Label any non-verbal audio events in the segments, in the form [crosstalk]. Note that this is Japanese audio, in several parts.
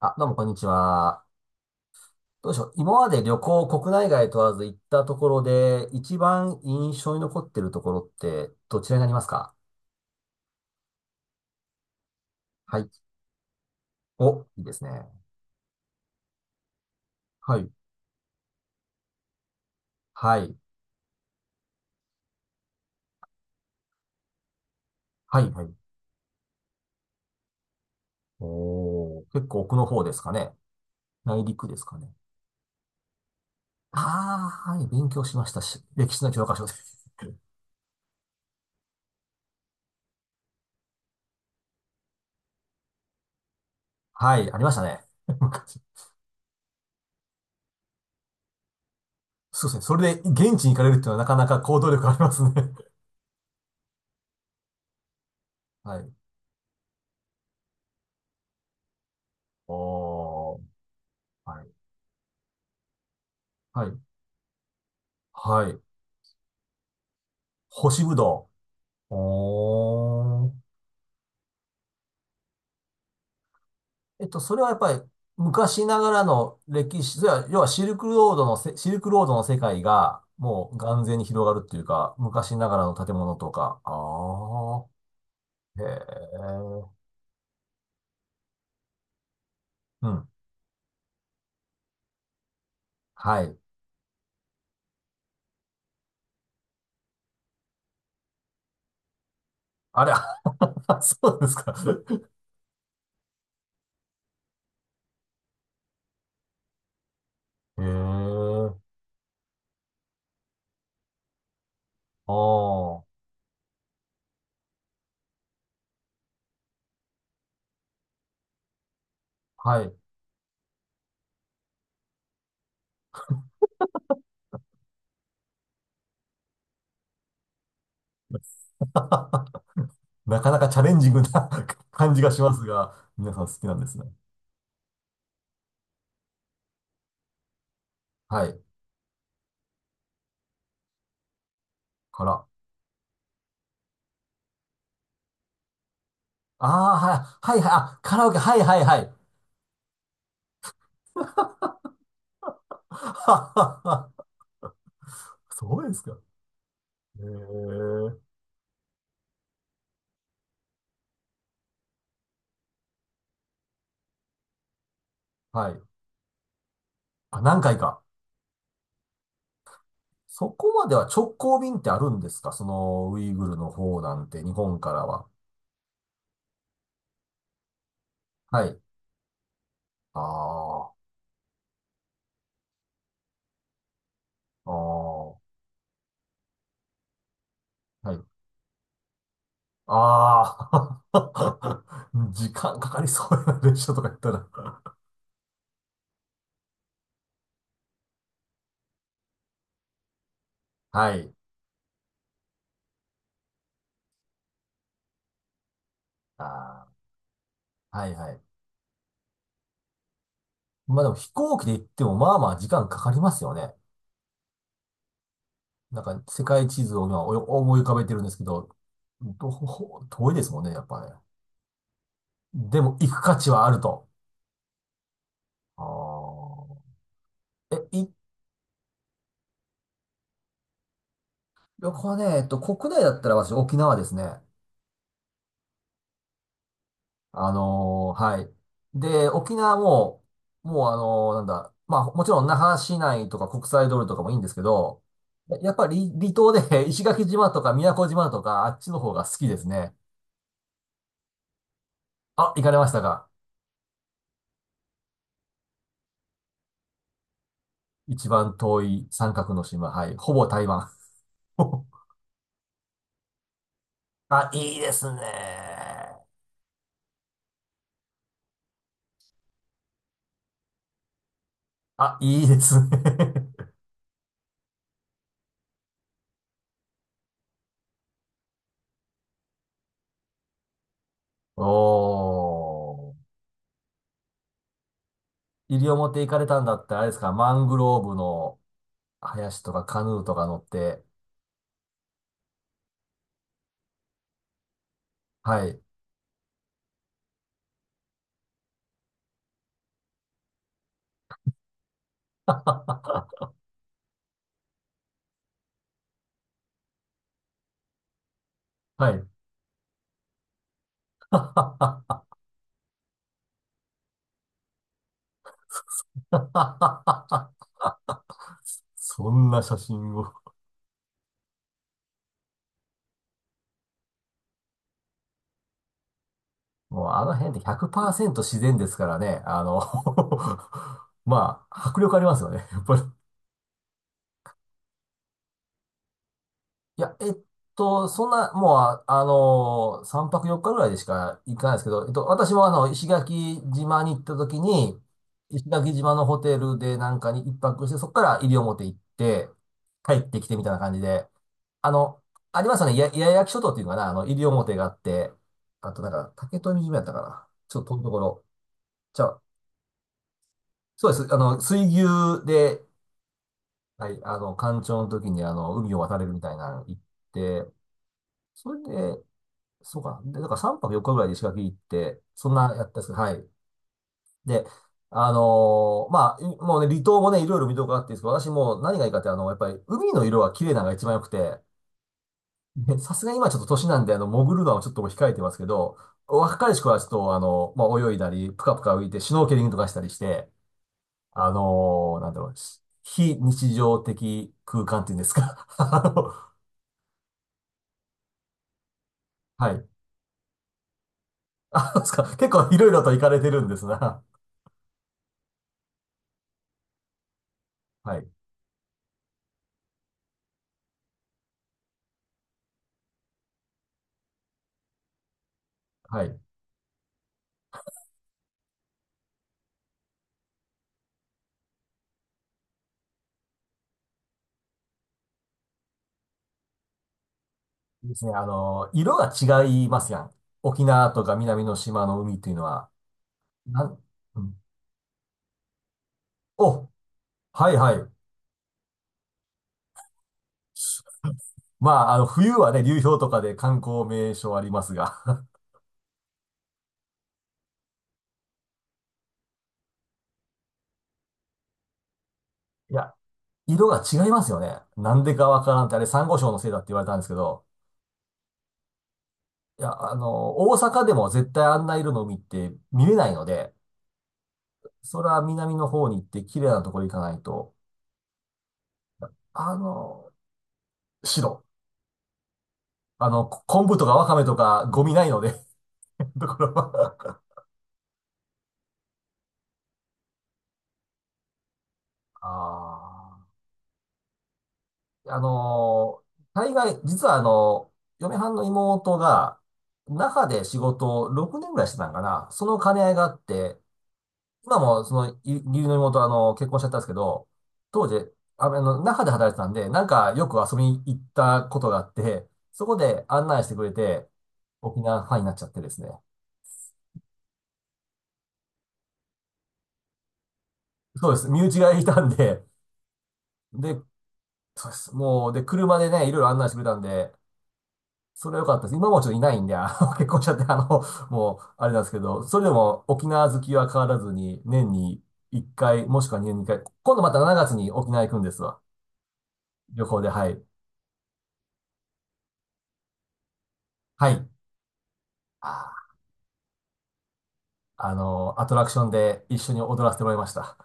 あ、どうもこんにちは。どうでしょう。今まで旅行、国内外問わず行ったところで、一番印象に残ってるところって、どちらになりますか？はい。お、いいですね。はい。はい。はい。はい。おー、結構奥の方ですかね。内陸ですかね。ああ、はい。勉強しましたし、歴史の教科書で。[laughs] はい。ありましたね。[laughs] 昔。そうですね。それで現地に行かれるっていうのはなかなか行動力ありますね。はい。おー、はい。はい。はい。干しぶどう。おー。それはやっぱり昔ながらの歴史、それは要はシルクロードの世界がもう眼前に広がるっていうか、昔ながらの建物とか。ああ。へえ。うん。はい。あれ、[laughs] そうですか。[laughs] へえ。ああ。はい。[laughs] なかなかチャレンジングな [laughs] 感じがしますが、皆さん好きなんですね。はい。から。ああ、はい、はい、はい。あ、カラオケ、はい、はい、はい。[laughs] はははそうですか。ええ、はい。あ、何回か。そこまでは直行便ってあるんですか、その、ウイグルの方なんて、日本からは。はい。ああ、ああ、はい。ああ、[laughs] 時間かかりそうやな、列車とか言ったら。はい。ああ、はいはい。まあでも飛行機で行っても、まあまあ時間かかりますよね。なんか、世界地図を今お思い浮かべてるんですけど、ほ遠いですもんね、やっぱね。でも行く価値はあると。あーえ、い、旅行ね、国内だったら私沖縄ですね。あのーはい。で、沖縄も、もうあのーなんだ、まあもちろん那覇市内とか国際通りとかもいいんですけど、ややっぱり離島で [laughs] 石垣島とか宮古島とかあっちの方が好きですね。あ、行かれましたか？一番遠い三角の島。はい。ほぼ台湾。[laughs] あ、いいですね。あ、いいですね。[laughs] おー。西表行かれたんだ。ってあれですか、マングローブの林とかカヌーとか乗って。はい。[laughs] はい。[laughs] そんな写真を。もうあの辺って100%自然ですからね。あの [laughs] まあ、迫力ありますよね。やっぱり。いや、そんな、もう、あ、あの3泊4日ぐらいでしか行かないですけど、私もあの、石垣島に行った時に、石垣島のホテルでなんかに一泊して、そこから西表行って、帰ってきてみたいな感じで、あの、ありますよね、や、八重垣諸島っていうのかな、あの、西表があって、あとなんか、竹富島やったかな。ちょっと遠いところ。じゃあ、そうです。あの、水牛で、はい、あの、干潮の時にあの、海を渡れるみたいなの行って、それで、そうかな。で、だから3泊4日ぐらいで石垣行って、そんなやったんですけど、はい。で、あのーまあ、いもうね、離島もね、いろいろ見どころあっていいんですけど、私もう何がいいかって、あの、やっぱり海の色が綺麗なのが一番良くて、でさすがに今ちょっと年なんで、あの、潜るのはちょっと控えてますけど、若い子はちょっと、あの、まあ、泳いだり、ぷかぷか浮いて、シュノーケリングとかしたりして、あのーなんだろう、非日常的空間っていうんですか。[laughs] あのはい。あ、そうですか。結構いろいろと行かれてるんですな。はい。はい。ですね。あの、色が違いますやん。沖縄とか南の島の海っていうのは。なん、うん、お、はいはい。まあ、あの、冬はね、流氷とかで観光名所ありますが。[laughs] いや、色が違いますよね。なんでかわからんって、あれ、珊瑚礁のせいだって言われたんですけど、いや、あの、大阪でも絶対あんな色の海って見れないので、それは南の方に行って綺麗なところ行かないと。あの、白。あの、こ昆布とかわかめとかゴミないので [laughs] ところはああ。あのー、大概、実はあの、嫁はんの妹が、那覇で仕事を6年ぐらいしてたんかな。その兼ね合いがあって、今もその、い義理の妹はあの、結婚しちゃったんですけど、当時、ああの、那覇で働いてたんで、なんかよく遊びに行ったことがあって、そこで案内してくれて、沖縄ファンになっちゃってですね。そうです。身内がいたんで、で、そうです。もう、で、車でね、いろいろ案内してくれたんで、それは良かったです。今もちょっといないんで、あの、[laughs] 結婚しちゃって、あの、もう、あれなんですけど、それでも沖縄好きは変わらずに、年に1回、もしくは年に2回、今度また7月に沖縄行くんですわ。旅行で、はい。はい。あー、あの、アトラクションで一緒に踊らせてもらいました。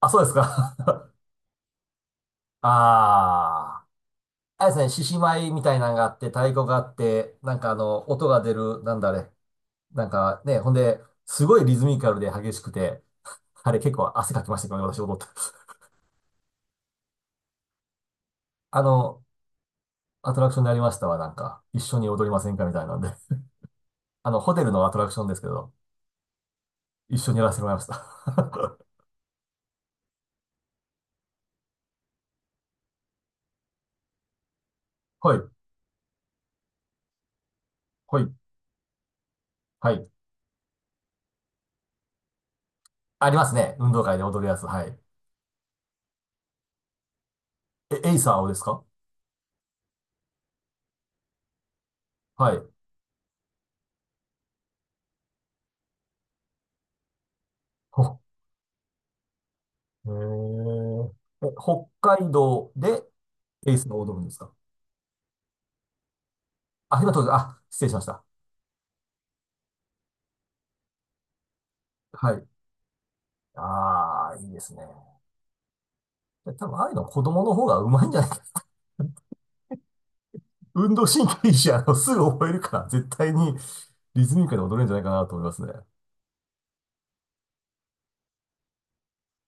あ、そうですか。[laughs] ああ。あれですね、獅子舞みたいなのがあって、太鼓があって、なんかあの、音が出る、なんだあれ。なんかね、ほんで、すごいリズミカルで激しくて、あれ結構汗かきましたけどね、私踊って。あの、アトラクションでありましたわ、なんか、一緒に踊りませんかみたいなんで。[laughs] あの、ホテルのアトラクションですけど、一緒にやらせてもらいました。[laughs] はい、はい、はい。ありますね。運動会で踊るやつ。はい。え、エイサーをですか？はい。ほ、へーえ、北海道でエイサーを踊るんですか？あ、今当然、あ、失礼しました。はい。ああ、いいですね。で多分、ああいうの子供の方がうまいんじゃないか。[laughs] 運動神経いいし、あの、すぐ覚えるから、絶対にリズミカルに踊れるんじゃないかなと思いますね。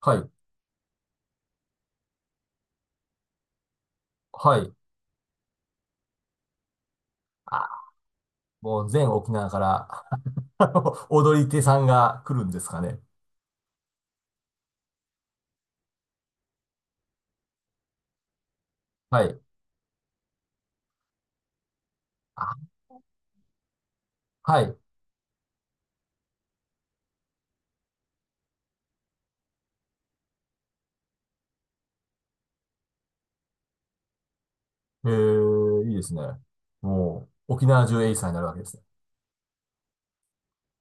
はい。はい。あもう全沖縄から [laughs] あの踊り手さんが来るんですかね。はい。あはい。えー、いいですね。もう、沖縄中エイサーになるわけですね。